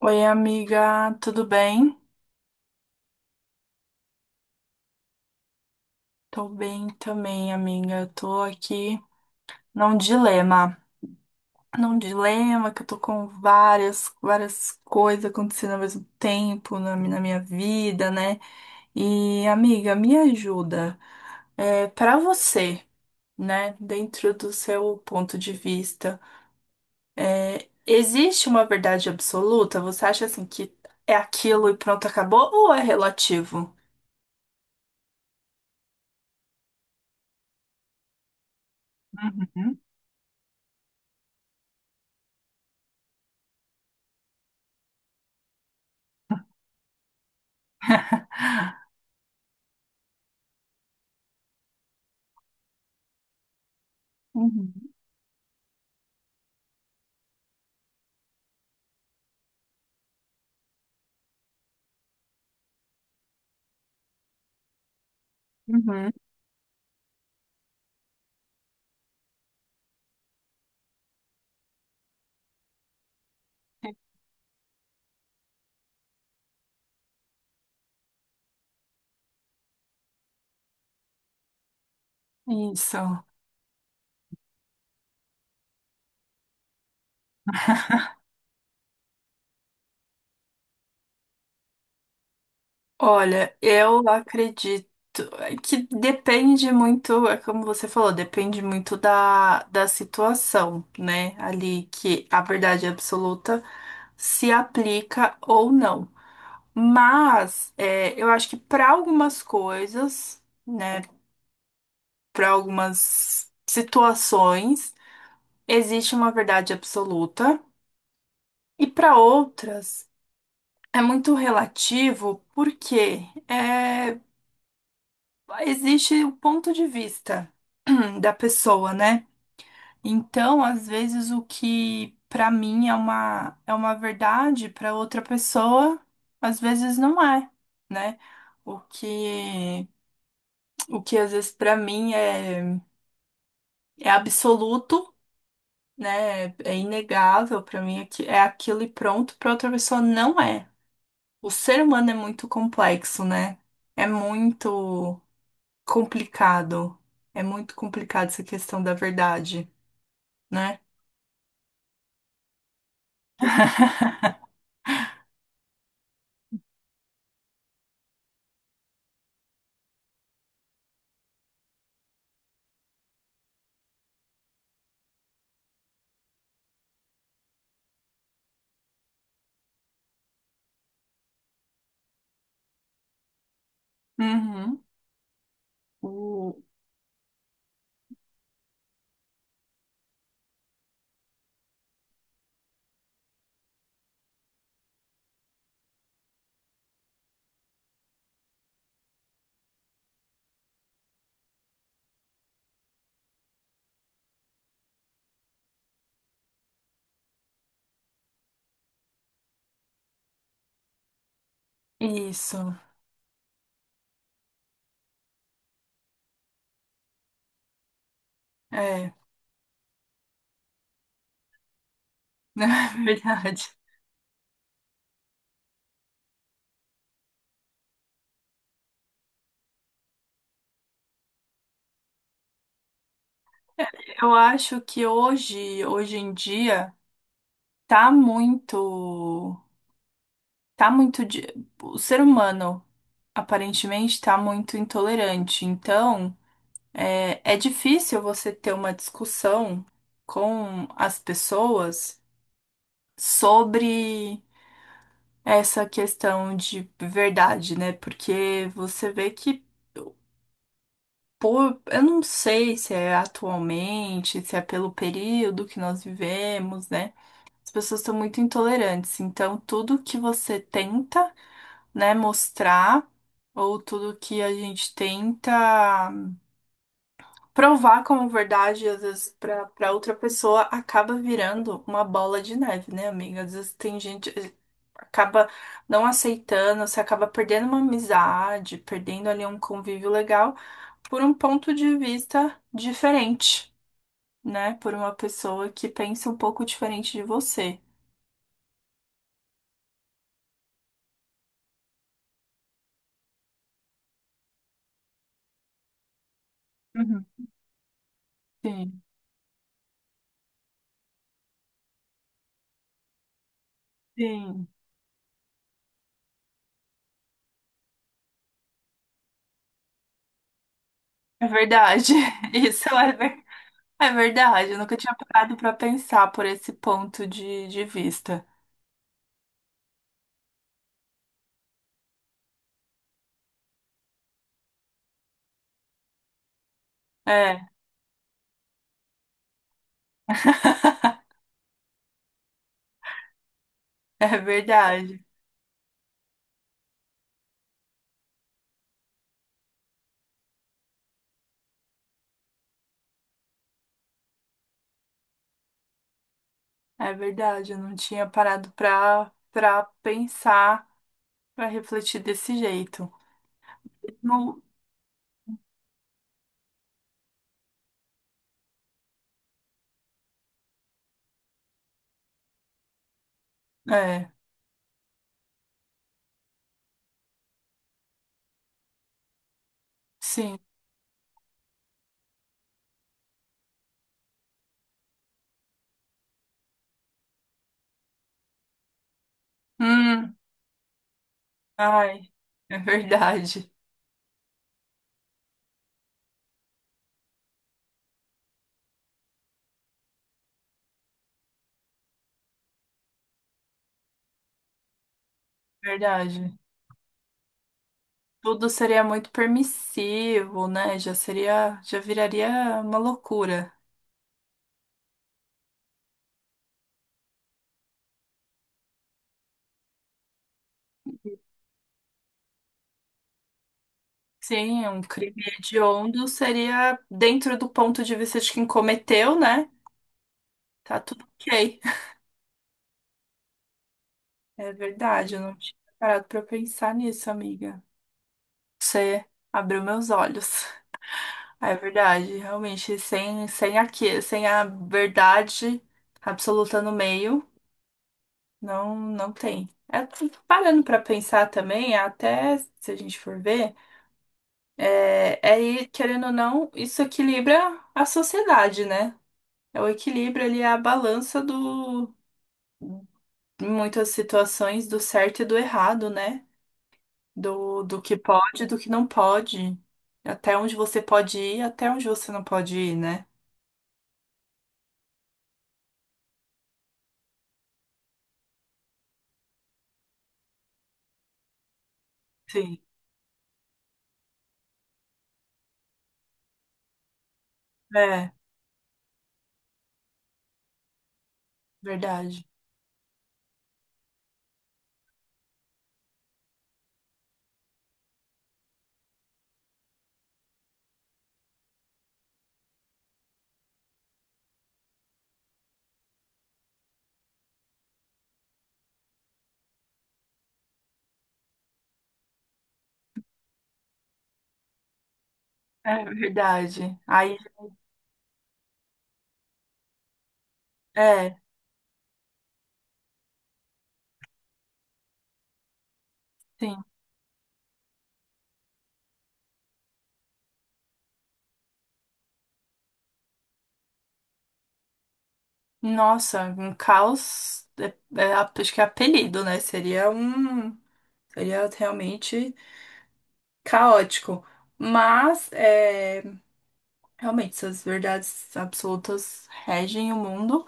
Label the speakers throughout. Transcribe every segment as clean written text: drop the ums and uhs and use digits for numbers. Speaker 1: Oi, amiga, tudo bem? Tô bem também, amiga. Tô aqui num dilema. Num dilema que eu tô com várias coisas acontecendo ao mesmo tempo na, na minha vida, né? E, amiga, me ajuda. Para você, né, dentro do seu ponto de vista, existe uma verdade absoluta? Você acha assim que é aquilo e pronto, acabou? Ou é relativo? Uhum, uhum. Uhum, isso. Olha, eu acredito que depende muito, é como você falou, depende muito da situação, né? Ali que a verdade absoluta se aplica ou não. Mas é, eu acho que para algumas coisas, né? Para algumas situações, existe uma verdade absoluta, e para outras é muito relativo, porque é, existe o ponto de vista da pessoa, né? Então, às vezes, o que pra mim é é uma verdade, pra outra pessoa, às vezes não é, né? O que, o que às vezes pra mim é absoluto, né? É inegável, pra mim é, é aquilo e pronto, pra outra pessoa não é. O ser humano é muito complexo, né? É muito complicado. É muito complicado essa questão da verdade, né? Uhum. O- Isso, é, na verdade. Eu acho que hoje, hoje em dia, tá muito, tá muito, o ser humano aparentemente tá muito intolerante. Então, é difícil você ter uma discussão com as pessoas sobre essa questão de verdade, né? Porque você vê que, pô, eu não sei se é atualmente, se é pelo período que nós vivemos, né? As pessoas estão muito intolerantes. Então, tudo que você tenta, né, mostrar, ou tudo que a gente tenta provar como verdade, às vezes, pra outra pessoa, acaba virando uma bola de neve, né, amiga? Às vezes tem gente. Acaba não aceitando, você acaba perdendo uma amizade, perdendo ali um convívio legal por um ponto de vista diferente, né? Por uma pessoa que pensa um pouco diferente de você. Uhum. Sim, sim. É verdade. Isso é, é verdade. Eu nunca tinha parado pra pensar por esse ponto de vista. É. É verdade, é verdade. Eu não tinha parado pra pensar, pra refletir desse jeito. No, é, sim. Hum, ai, é verdade, verdade. Tudo seria muito permissivo, né? Já seria, já viraria uma loucura. Sim, um crime hediondo seria dentro do ponto de vista de quem cometeu, né? Tá tudo ok. É verdade, eu não tinha parado pra pensar nisso, amiga. Você abriu meus olhos. Ah, é verdade, realmente, sem aqui, sem a verdade absoluta no meio, não, não tem. É, parando para pensar também, até se a gente for ver, é aí, querendo ou não, isso equilibra a sociedade, né? É o equilíbrio ali, é a balança do, em muitas situações, do certo e do errado, né? Do que pode e do que não pode. Até onde você pode ir, até onde você não pode ir, né? Sim, é verdade. É verdade. Aí, é, sim. Nossa, um caos é, é, acho que é apelido, né? Seria um. Seria realmente caótico. Mas, é, realmente, essas verdades absolutas regem o mundo.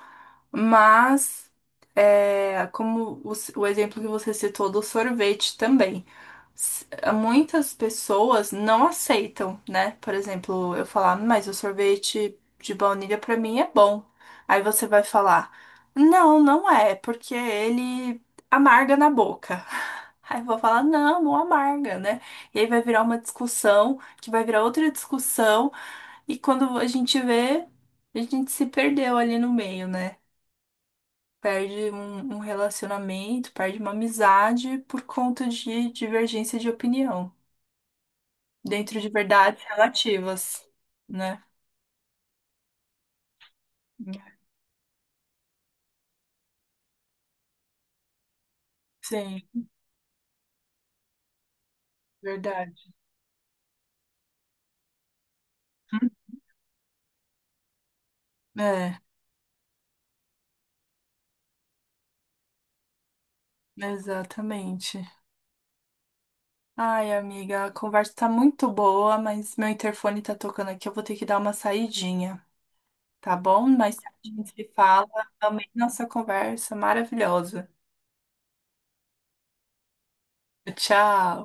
Speaker 1: Mas, é, como o exemplo que você citou do sorvete também. s- Muitas pessoas não aceitam, né? Por exemplo, eu falar, mas o sorvete de baunilha pra mim é bom. Aí você vai falar, não, não é, porque ele amarga na boca. Aí eu vou falar, não, não amarga, né? E aí vai virar uma discussão, que vai virar outra discussão, e quando a gente vê, a gente se perdeu ali no meio, né? Perde um, um relacionamento, perde uma amizade por conta de divergência de opinião dentro de verdades relativas, né? Sim, verdade. É, exatamente. Ai, amiga, a conversa tá muito boa, mas meu interfone tá tocando aqui, eu vou ter que dar uma saidinha, tá bom? Mas a gente se fala, amei nossa conversa maravilhosa. Tchau.